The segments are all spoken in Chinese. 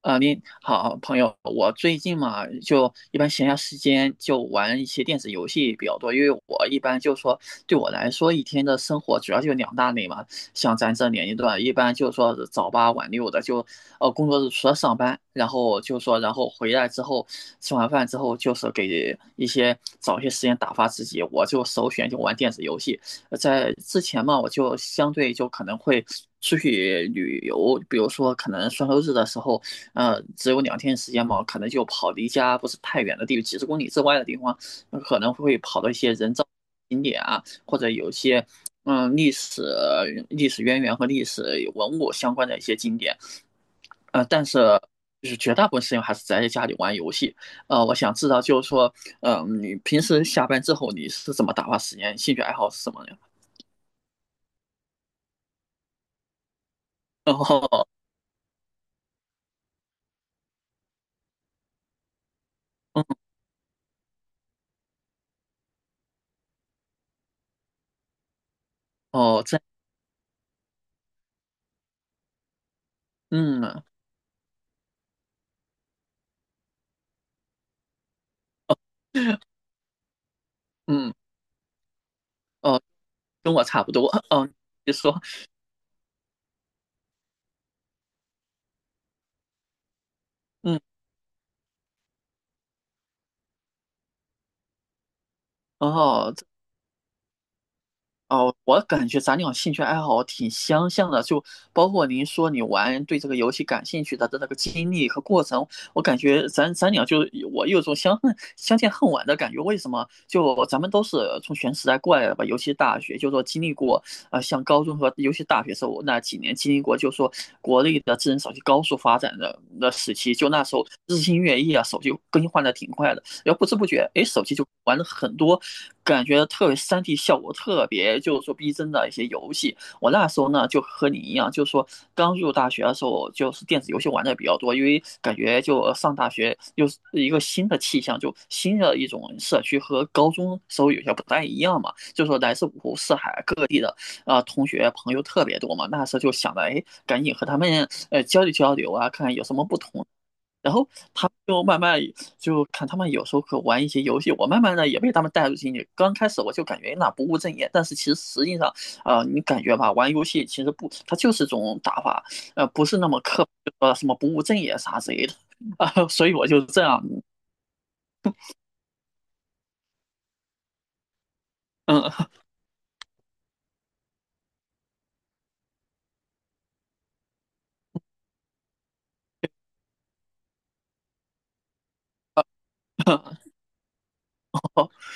啊，您好，朋友。我最近嘛，就一般闲暇时间就玩一些电子游戏比较多，因为我一般就说，对我来说，一天的生活主要就两大类嘛。像咱这年龄段，一般就是说是早八晚六的，就工作日除了上班，然后就说，然后回来之后吃完饭之后，就是给一些找一些时间打发自己，我就首选就玩电子游戏。在之前嘛，我就相对就可能会出去旅游，比如说可能双休日的时候。只有两天时间嘛，可能就跑离家不是太远的地方，几十公里之外的地方，可能会跑到一些人造景点啊，或者有些历史、历史渊源和历史文物相关的一些景点。但是就是绝大部分时间还是宅在家里玩游戏。我想知道就是说，嗯，你平时下班之后你是怎么打发时间？兴趣爱好是什么呀？然后，嗯，哦，这，嗯，嗯，哦，跟我差不多。嗯，你说，嗯。哦，哦，我感觉咱俩兴趣爱好挺相像的，就包括您说你玩对这个游戏感兴趣的那个经历和过程，我感觉咱俩就我有种相见恨晚的感觉。为什么？就咱们都是从全时代过来的吧。尤其大学，就说经历过像高中和尤其大学时候那几年经历过，就说国内的智能手机高速发展的时期，就那时候日新月异啊，手机更新换的挺快的。然后不知不觉，哎，手机就玩了很多，感觉特别 3D 效果特别就是说逼真的一些游戏。我那时候呢，就和你一样，就是说刚入大学的时候，就是电子游戏玩的比较多，因为感觉就上大学又是一个新的气象，就新的一种社区和高中时候有些不太一样嘛，就是说来自五湖四海各地的同学朋友特别多嘛。那时候就想着，哎，赶紧和他们交流交流啊，看看有什么不同。然后他们就慢慢就看他们有时候可玩一些游戏，我慢慢的也被他们带入进去。刚开始我就感觉那不务正业，但是其实实际上，你感觉吧，玩游戏其实不，它就是种打法，不是那么刻什么不务正业啥之类的所以我就这样，嗯，哦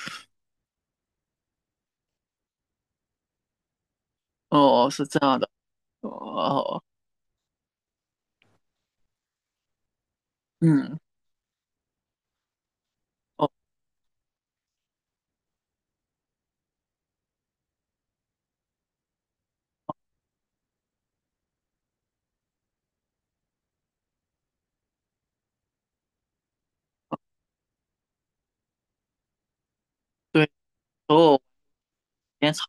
哦是这样的，哦哦嗯哦对，哦时候时间长。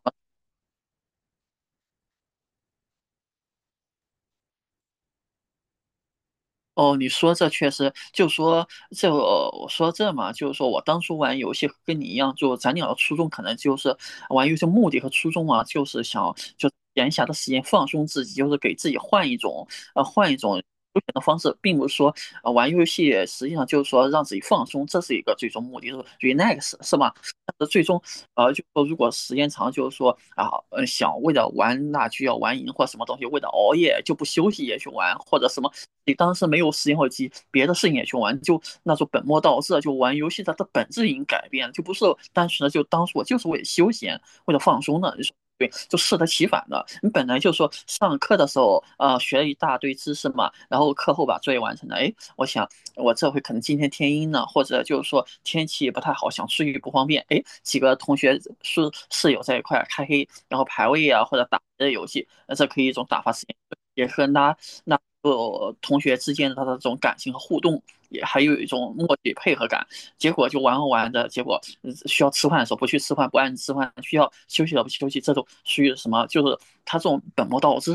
哦，你说这确实，就说这我说这嘛，就是说我当初玩游戏跟你一样，就咱俩的初衷可能就是玩游戏目的和初衷啊，就是想就闲暇的时间放松自己，就是给自己换一种休闲的方式。并不是说玩游戏实际上就是说让自己放松，这是一个最终目的，就是 relax 是吧？但是最终就说如果时间长，就是说想为了玩那就要玩赢或什么东西，为了熬夜就不休息也去玩，或者什么。你当时没有时间或机，别的事情也去玩，就那种本末倒置啊，就玩游戏它的本质已经改变了，就不是单纯的就当时我就是为了休闲，为了放松的。就是对，就适得其反的。你本来就说上课的时候，学了一大堆知识嘛，然后课后把作业完成了。哎，我想我这回可能今天天阴了，或者就是说天气不太好，想出去不方便。哎，几个同学室友在一块开黑，然后排位啊，或者打这游戏，那这可以一种打发时间，也是拉同学之间的这种感情和互动，也还有一种默契配合感。结果就玩着玩的结果需要吃饭的时候不去吃饭，不按时吃饭；需要休息的不去休息，这种属于什么？就是他这种本末倒置，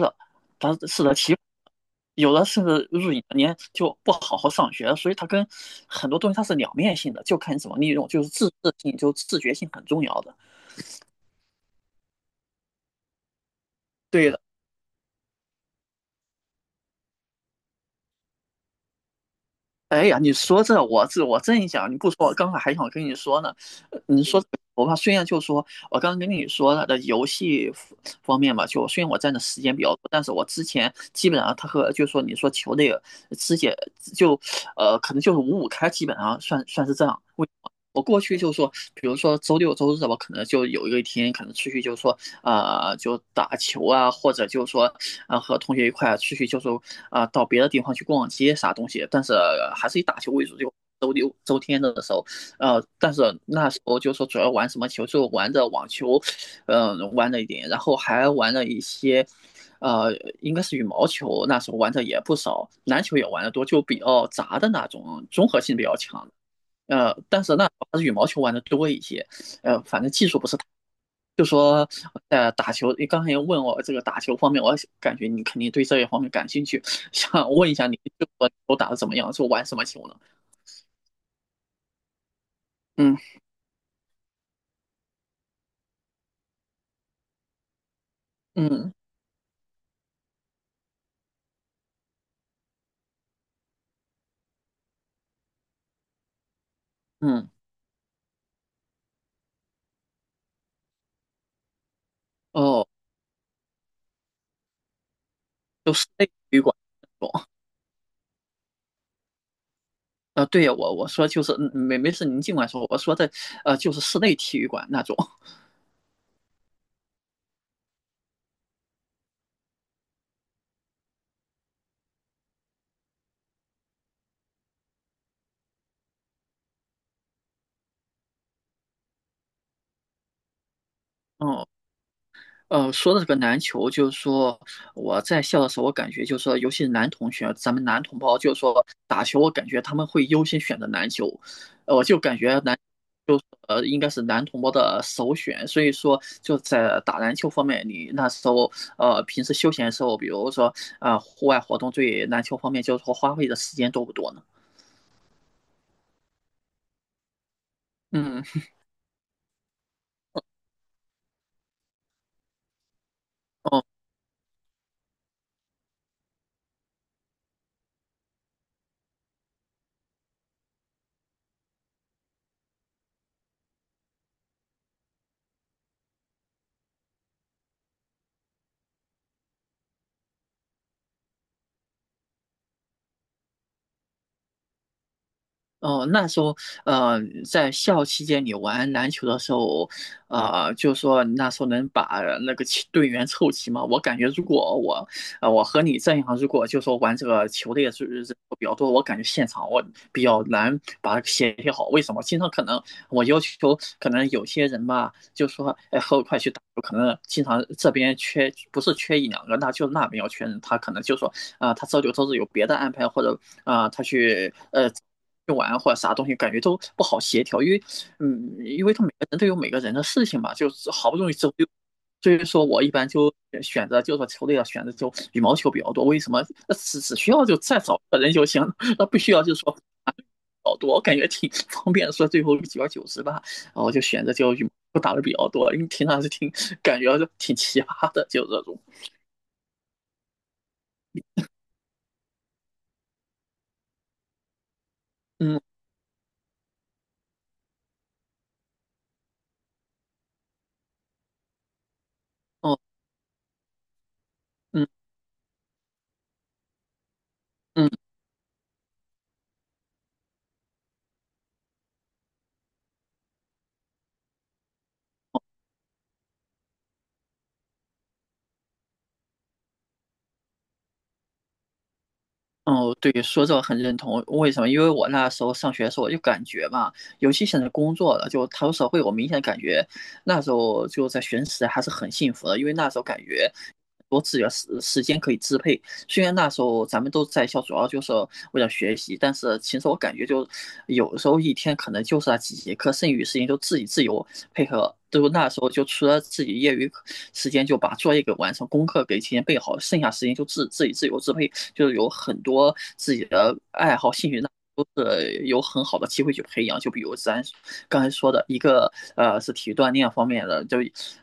他适得其反。有的甚至入隐年就不好好上学，所以他跟很多东西它是两面性的，就看你怎么利用，就是自制性，就自觉性很重要的。对的。哎呀，你说这我，这我正想，你不说，我刚才还想跟你说呢。你说我怕，虽然就说我刚刚跟你说了的游戏方方面吧，就虽然我占的时间比较多，但是我之前基本上他和就说你说球类肢解就可能就是五五开，基本上算算是这样。为什么我过去就说，比如说周六周日吧，可能就有一个一天，可能出去就说，就打球啊，或者就说啊，和同学一块出去就是啊，到别的地方去逛街啥东西，但是还是以打球为主，就周六周天的时候。但是那时候就说主要玩什么球，就玩着网球。玩了一点，然后还玩了一些。呃，应该是羽毛球，那时候玩的也不少，篮球也玩的多，就比较杂的那种，综合性比较强。但是那还是羽毛球玩的多一些。反正技术不是太，就说打球，你刚才也问我这个打球方面，我感觉你肯定对这一方面感兴趣，想问一下你，就说球打的怎么样，就玩什么球呢？嗯嗯嗯，哦，就室内体育馆那种。对呀，我说就是没没事，您尽管说，我说的就是室内体育馆那种。嗯说到这个篮球，就是说我在校的时候，我感觉就是说，尤其是男同学，咱们男同胞，就是说打球，我感觉他们会优先选择篮球。呃我就感觉男呃应该是男同胞的首选。所以说，就在打篮球方面，你那时候平时休闲的时候，比如说户外活动，对篮球方面就是说花费的时间多不多呢？嗯。哦，那时候，在校期间你玩篮球的时候，就说你那时候能把那个齐队员凑齐吗？我感觉如果我，我和你这样，如果就说玩这个球类是是比较多，我感觉现场我比较难把它协调好。为什么？经常可能我要求，可能有些人吧，就说，哎，和我一块去打球，可能经常这边缺，不是缺一两个，那就那边要缺人，他可能就说，他周六周日有别的安排，或者啊、他去呃。玩或者啥东西，感觉都不好协调。因为，他每个人都有每个人的事情嘛，就是好不容易周六，所以说我一般就选择，就是说球队啊，选择就羽毛球比较多。为什么？只需要就再找一个人就行，那不需要就是说啊好多，我感觉挺方便的说最后久而久之吧，然后就选择就羽毛球打的比较多，因为平常是挺感觉就挺奇葩的，就这种。嗯，哦，嗯嗯。哦，对，说这个很认同。为什么？因为我那时候上学的时候，我就感觉吧，尤其现在工作了，就踏入社会，我明显感觉那时候就在学生时代还是很幸福的，因为那时候感觉多自己的时间可以支配，虽然那时候咱们都在校，主要就是为了学习，但是其实我感觉就有时候一天可能就是那几节课，剩余时间就自己自由配合。就那时候就除了自己业余时间就把作业给完成，功课给提前备好，剩下时间就自己自由支配，就是有很多自己的爱好兴趣那。都是有很好的机会去培养，就比如咱刚才说的一个，是体育锻炼方面的，就，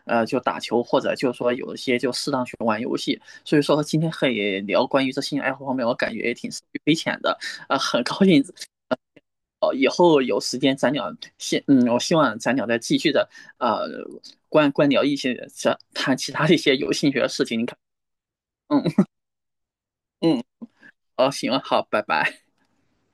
就打球或者就是说有一些就适当去玩游戏，所以说今天可以聊关于这兴趣爱好方面，我感觉也挺受益匪浅的。很高兴。哦，以后有时间咱俩希嗯，我希望咱俩再继续的呃，聊一些这谈其他的一些有兴趣的事情。你看，嗯嗯，哦，行了，好，拜拜。